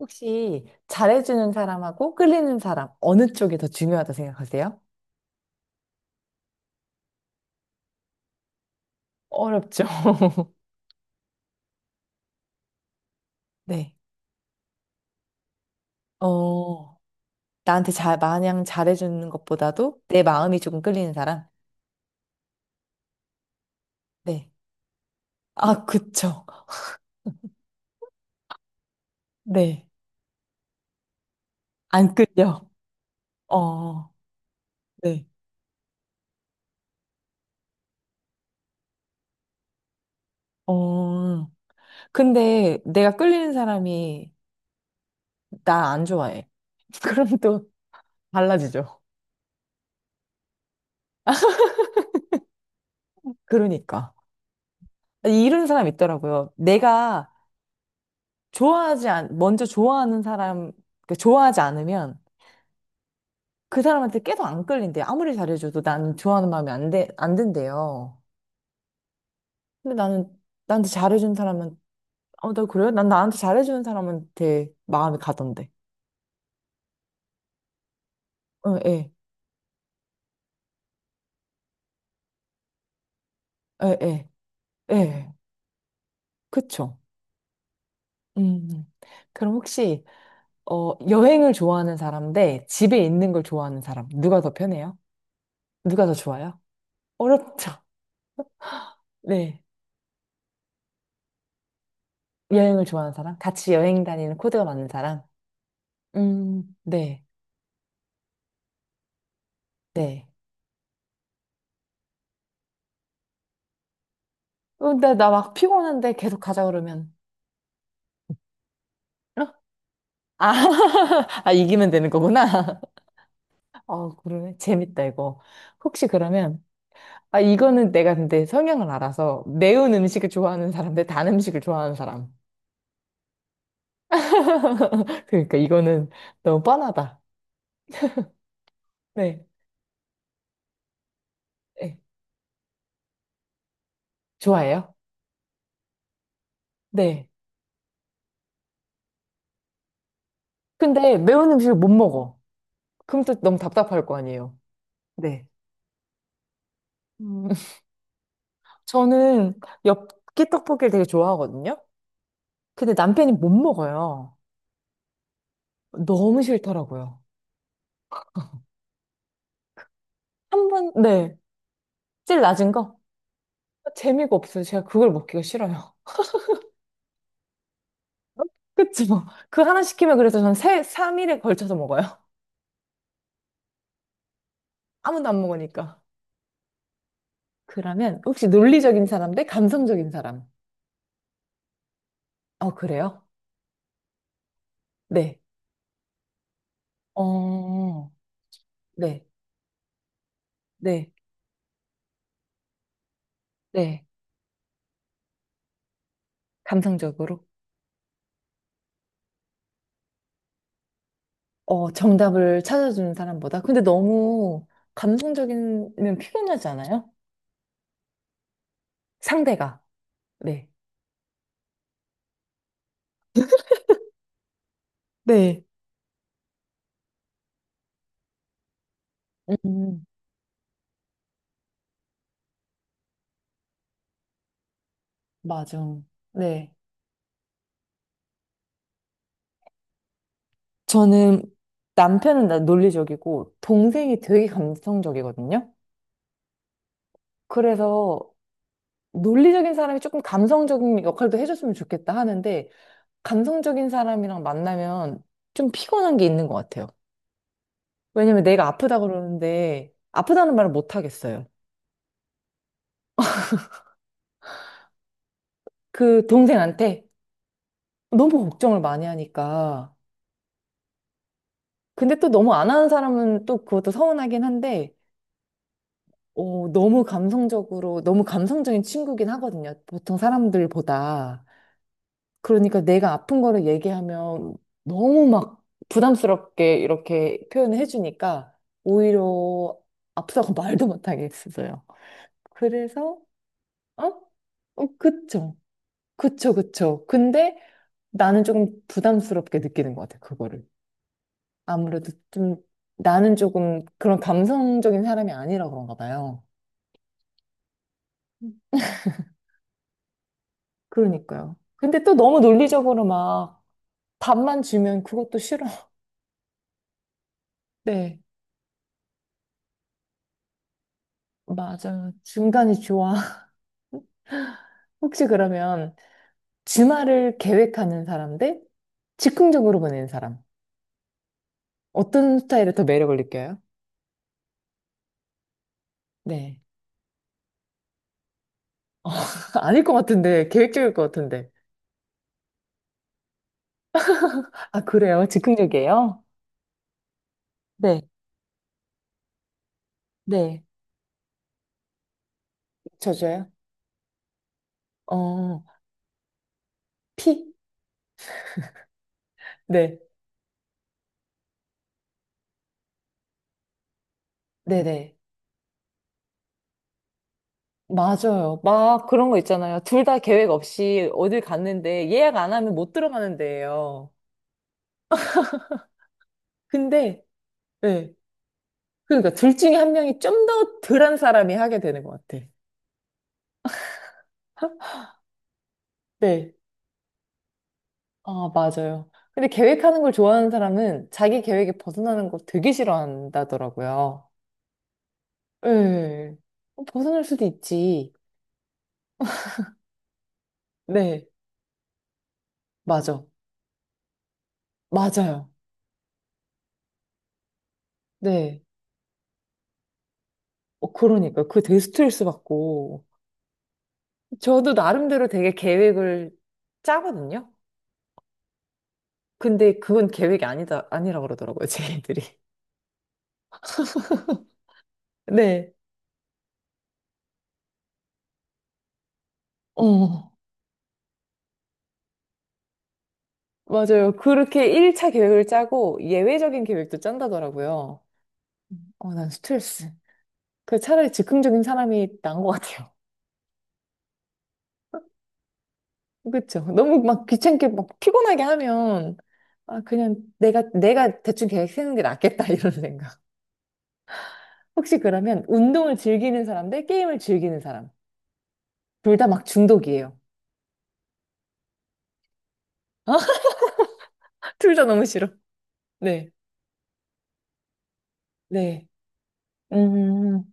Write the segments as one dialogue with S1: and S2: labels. S1: 혹시 잘해주는 사람하고 끌리는 사람, 어느 쪽이 더 중요하다 생각하세요? 어렵죠. 네. 어, 나한테 잘, 마냥 잘해주는 것보다도 내 마음이 조금 끌리는 사람? 네. 아, 그쵸. 네. 안 끌려. 어, 네. 어, 근데 내가 끌리는 사람이 나 안 좋아해. 그럼 또 달라지죠. 그러니까. 이런 사람 있더라고요. 내가 먼저 좋아하는 사람, 그 좋아하지 않으면 그 사람한테 계속 안 끌린대요. 아무리 잘해줘도 나는 좋아하는 마음이 안 든대요. 근데 나는 나한테 잘해준 사람은, 어, 나 그래요? 난 나한테 잘해주는 사람한테 마음이 가던데. 어, 예, 예, 예, 예. 그쵸. 음. 음. 그럼 혹시, 어, 여행을 좋아하는 사람 대 집에 있는 걸 좋아하는 사람, 누가 더 편해요? 누가 더 좋아요? 어렵죠. 네. 여행을 좋아하는 사람? 같이 여행 다니는 코드가 맞는 사람? 네, 네. 어, 근데 나 막 피곤한데 계속 가자 그러면. 어? 아, 아, 이기면 되는 거구나. 어, 그러네. 재밌다, 이거. 혹시 그러면, 아, 이거는 내가 근데 성향을 알아서 매운 음식을 좋아하는 사람 대 단 음식을 좋아하는 사람. 그러니까 이거는 너무 뻔하다. 네, 네. 좋아해요? 네. 근데 매운 음식을 못 먹어. 그럼 또 너무 답답할 거 아니에요. 네. 음, 저는 엽기 떡볶이를 되게 좋아하거든요. 근데 남편이 못 먹어요. 너무 싫더라고요. 한 번, 네. 제일 낮은 거? 재미가 없어요. 제가 그걸 먹기가 싫어요. 그치 뭐. 그 하나 시키면 그래서 전 3일에 걸쳐서 먹어요. 아무도 안 먹으니까. 그러면 혹시 논리적인 사람 대 감성적인 사람? 어, 그래요? 네. 어, 네. 네. 네. 감성적으로. 어, 정답을 찾아주는 사람보다. 근데 너무 감성적이면 피곤하지 않아요? 상대가. 네. 네. 음. 맞아. 네. 저는 남편은 나 논리적이고 동생이 되게 감성적이거든요. 그래서 논리적인 사람이 조금 감성적인 역할도 해줬으면 좋겠다 하는데 감성적인 사람이랑 만나면 좀 피곤한 게 있는 것 같아요. 왜냐면 내가 아프다 그러는데 아프다는 말을 못 하겠어요. 그 동생한테 너무 걱정을 많이 하니까. 근데 또 너무 안 하는 사람은 또 그것도 서운하긴 한데 오, 너무 감성적으로, 너무 감성적인 친구긴 하거든요. 보통 사람들보다. 그러니까 내가 아픈 거를 얘기하면 너무 막 부담스럽게 이렇게 표현을 해주니까 오히려 아프다고 말도 못하겠어요. 그래서, 어? 어, 그쵸. 그쵸, 그쵸. 근데 나는 조금 부담스럽게 느끼는 것 같아요, 그거를. 아무래도 좀, 나는 조금 그런 감성적인 사람이 아니라 그런가 봐요. 그러니까요. 근데 또 너무 논리적으로 막 밥만 주면 그것도 싫어. 네, 맞아요. 중간이 좋아. 혹시 그러면 주말을 계획하는 사람 대 즉흥적으로 보내는 사람. 어떤 스타일에 더 매력을 느껴요? 네. 아닐 것 같은데, 계획적일 것 같은데. 아, 그래요? 즉흥적이에요? 네, 네. 저죠요? 어, 피? 네, 네네. 맞아요. 막 그런 거 있잖아요. 둘 다 계획 없이 어딜 갔는데 예약 안 하면 못 들어가는 데예요. 근데 네. 그러니까 둘 중에 한 명이 좀 더 덜한 사람이 하게 되는 것 같아. 네. 아, 맞아요. 근데 계획하는 걸 좋아하는 사람은 자기 계획에 벗어나는 걸 되게 싫어한다더라고요. 네. 어, 벗어날 수도 있지. 네. 맞아. 맞아요. 네. 어, 그러니까. 그 되게 스트레스 받고. 저도 나름대로 되게 계획을 짜거든요. 근데 그건 계획이 아니다, 아니라 그러더라고요, 제이들이 네. 어. 맞아요. 그렇게 1차 계획을 짜고 예외적인 계획도 짠다더라고요. 어, 난 스트레스. 그 차라리 즉흥적인 사람이 나은 것 같아요. 그렇죠. 너무 막 귀찮게 막 피곤하게 하면 아 그냥 내가 대충 계획 세우는 게 낫겠다 이런 생각. 혹시 그러면 운동을 즐기는 사람 대 게임을 즐기는 사람 둘 다 막 중독이에요. 둘 다 너무 싫어. 네, 네, 음,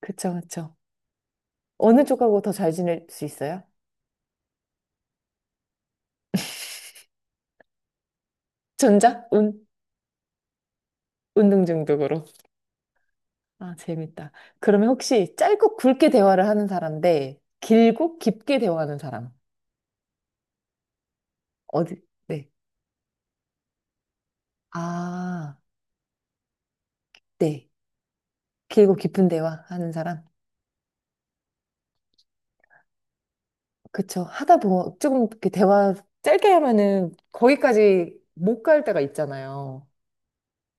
S1: 그쵸, 그쵸. 어느 쪽하고 더 잘 지낼 수 있어요? 전자? 운? 운동 중독으로. 아, 재밌다. 그러면 혹시 짧고 굵게 대화를 하는 사람 대 길고 깊게 대화하는 사람? 어디? 네. 아, 네. 길고 깊은 대화 하는 사람? 그쵸. 하다 보면 조금 이렇게 대화 짧게 하면은 거기까지 못 갈 때가 있잖아요.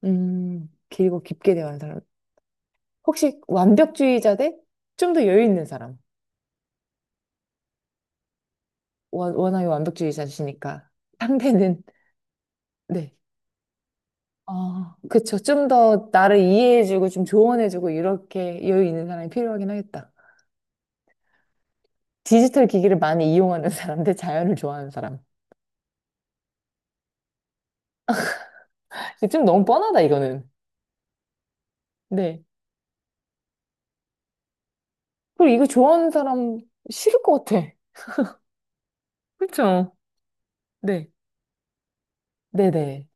S1: 길고 깊게 대화하는 사람. 혹시 완벽주의자 대 좀 더 여유 있는 사람? 워낙에 완벽주의자시니까. 상대는, 네. 아, 그쵸. 좀 더 나를 이해해주고 좀 조언해주고 이렇게 여유 있는 사람이 필요하긴 하겠다. 디지털 기기를 많이 이용하는 사람 대 자연을 좋아하는 사람. 이거 좀 너무 뻔하다, 이거는. 네. 그리고 이거 좋아하는 사람 싫을 것 같아. 그쵸? 네. 네네.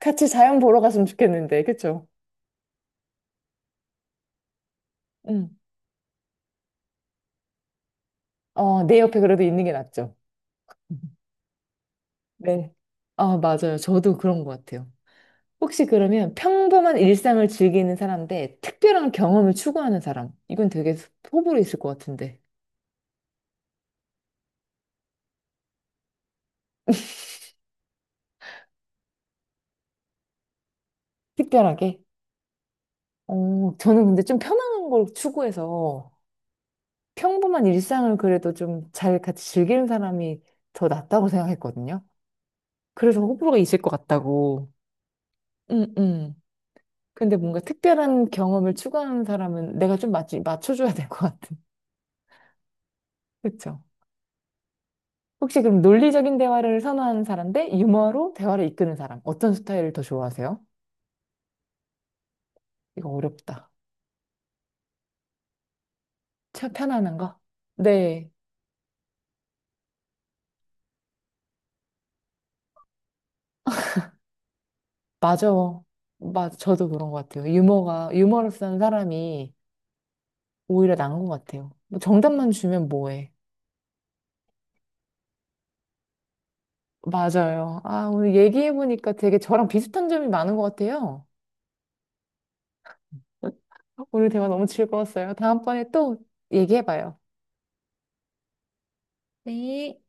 S1: 같이 자연 보러 갔으면 좋겠는데, 그쵸? 응. 어, 내 옆에 그래도 있는 게 낫죠. 네. 아, 맞아요. 저도 그런 것 같아요. 혹시 그러면 평범한 일상을 즐기는 사람 대 특별한 경험을 추구하는 사람. 이건 되게 호불호 있을 것 같은데. 특별하게? 어, 저는 근데 좀 편안한 걸 추구해서 평범한 일상을 그래도 좀 잘 같이 즐기는 사람이 더 낫다고 생각했거든요. 그래서 호불호가 있을 것 같다고. 음, 음. 근데 뭔가 특별한 경험을 추구하는 사람은 내가 좀 맞춰줘야 될 것 같은. 그쵸? 혹시 그럼 논리적인 대화를 선호하는 사람 대 유머로 대화를 이끄는 사람. 어떤 스타일을 더 좋아하세요? 이거 어렵다. 책 편하는 거? 네, 맞아. 맞아. 저도 그런 것 같아요. 유머를 쓰는 사람이 오히려 나은 것 같아요. 뭐 정답만 주면 뭐해. 맞아요. 아, 오늘 얘기해보니까 되게 저랑 비슷한 점이 많은 것 같아요. 오늘 대화 너무 즐거웠어요. 다음번에 또 얘기해봐요. 네.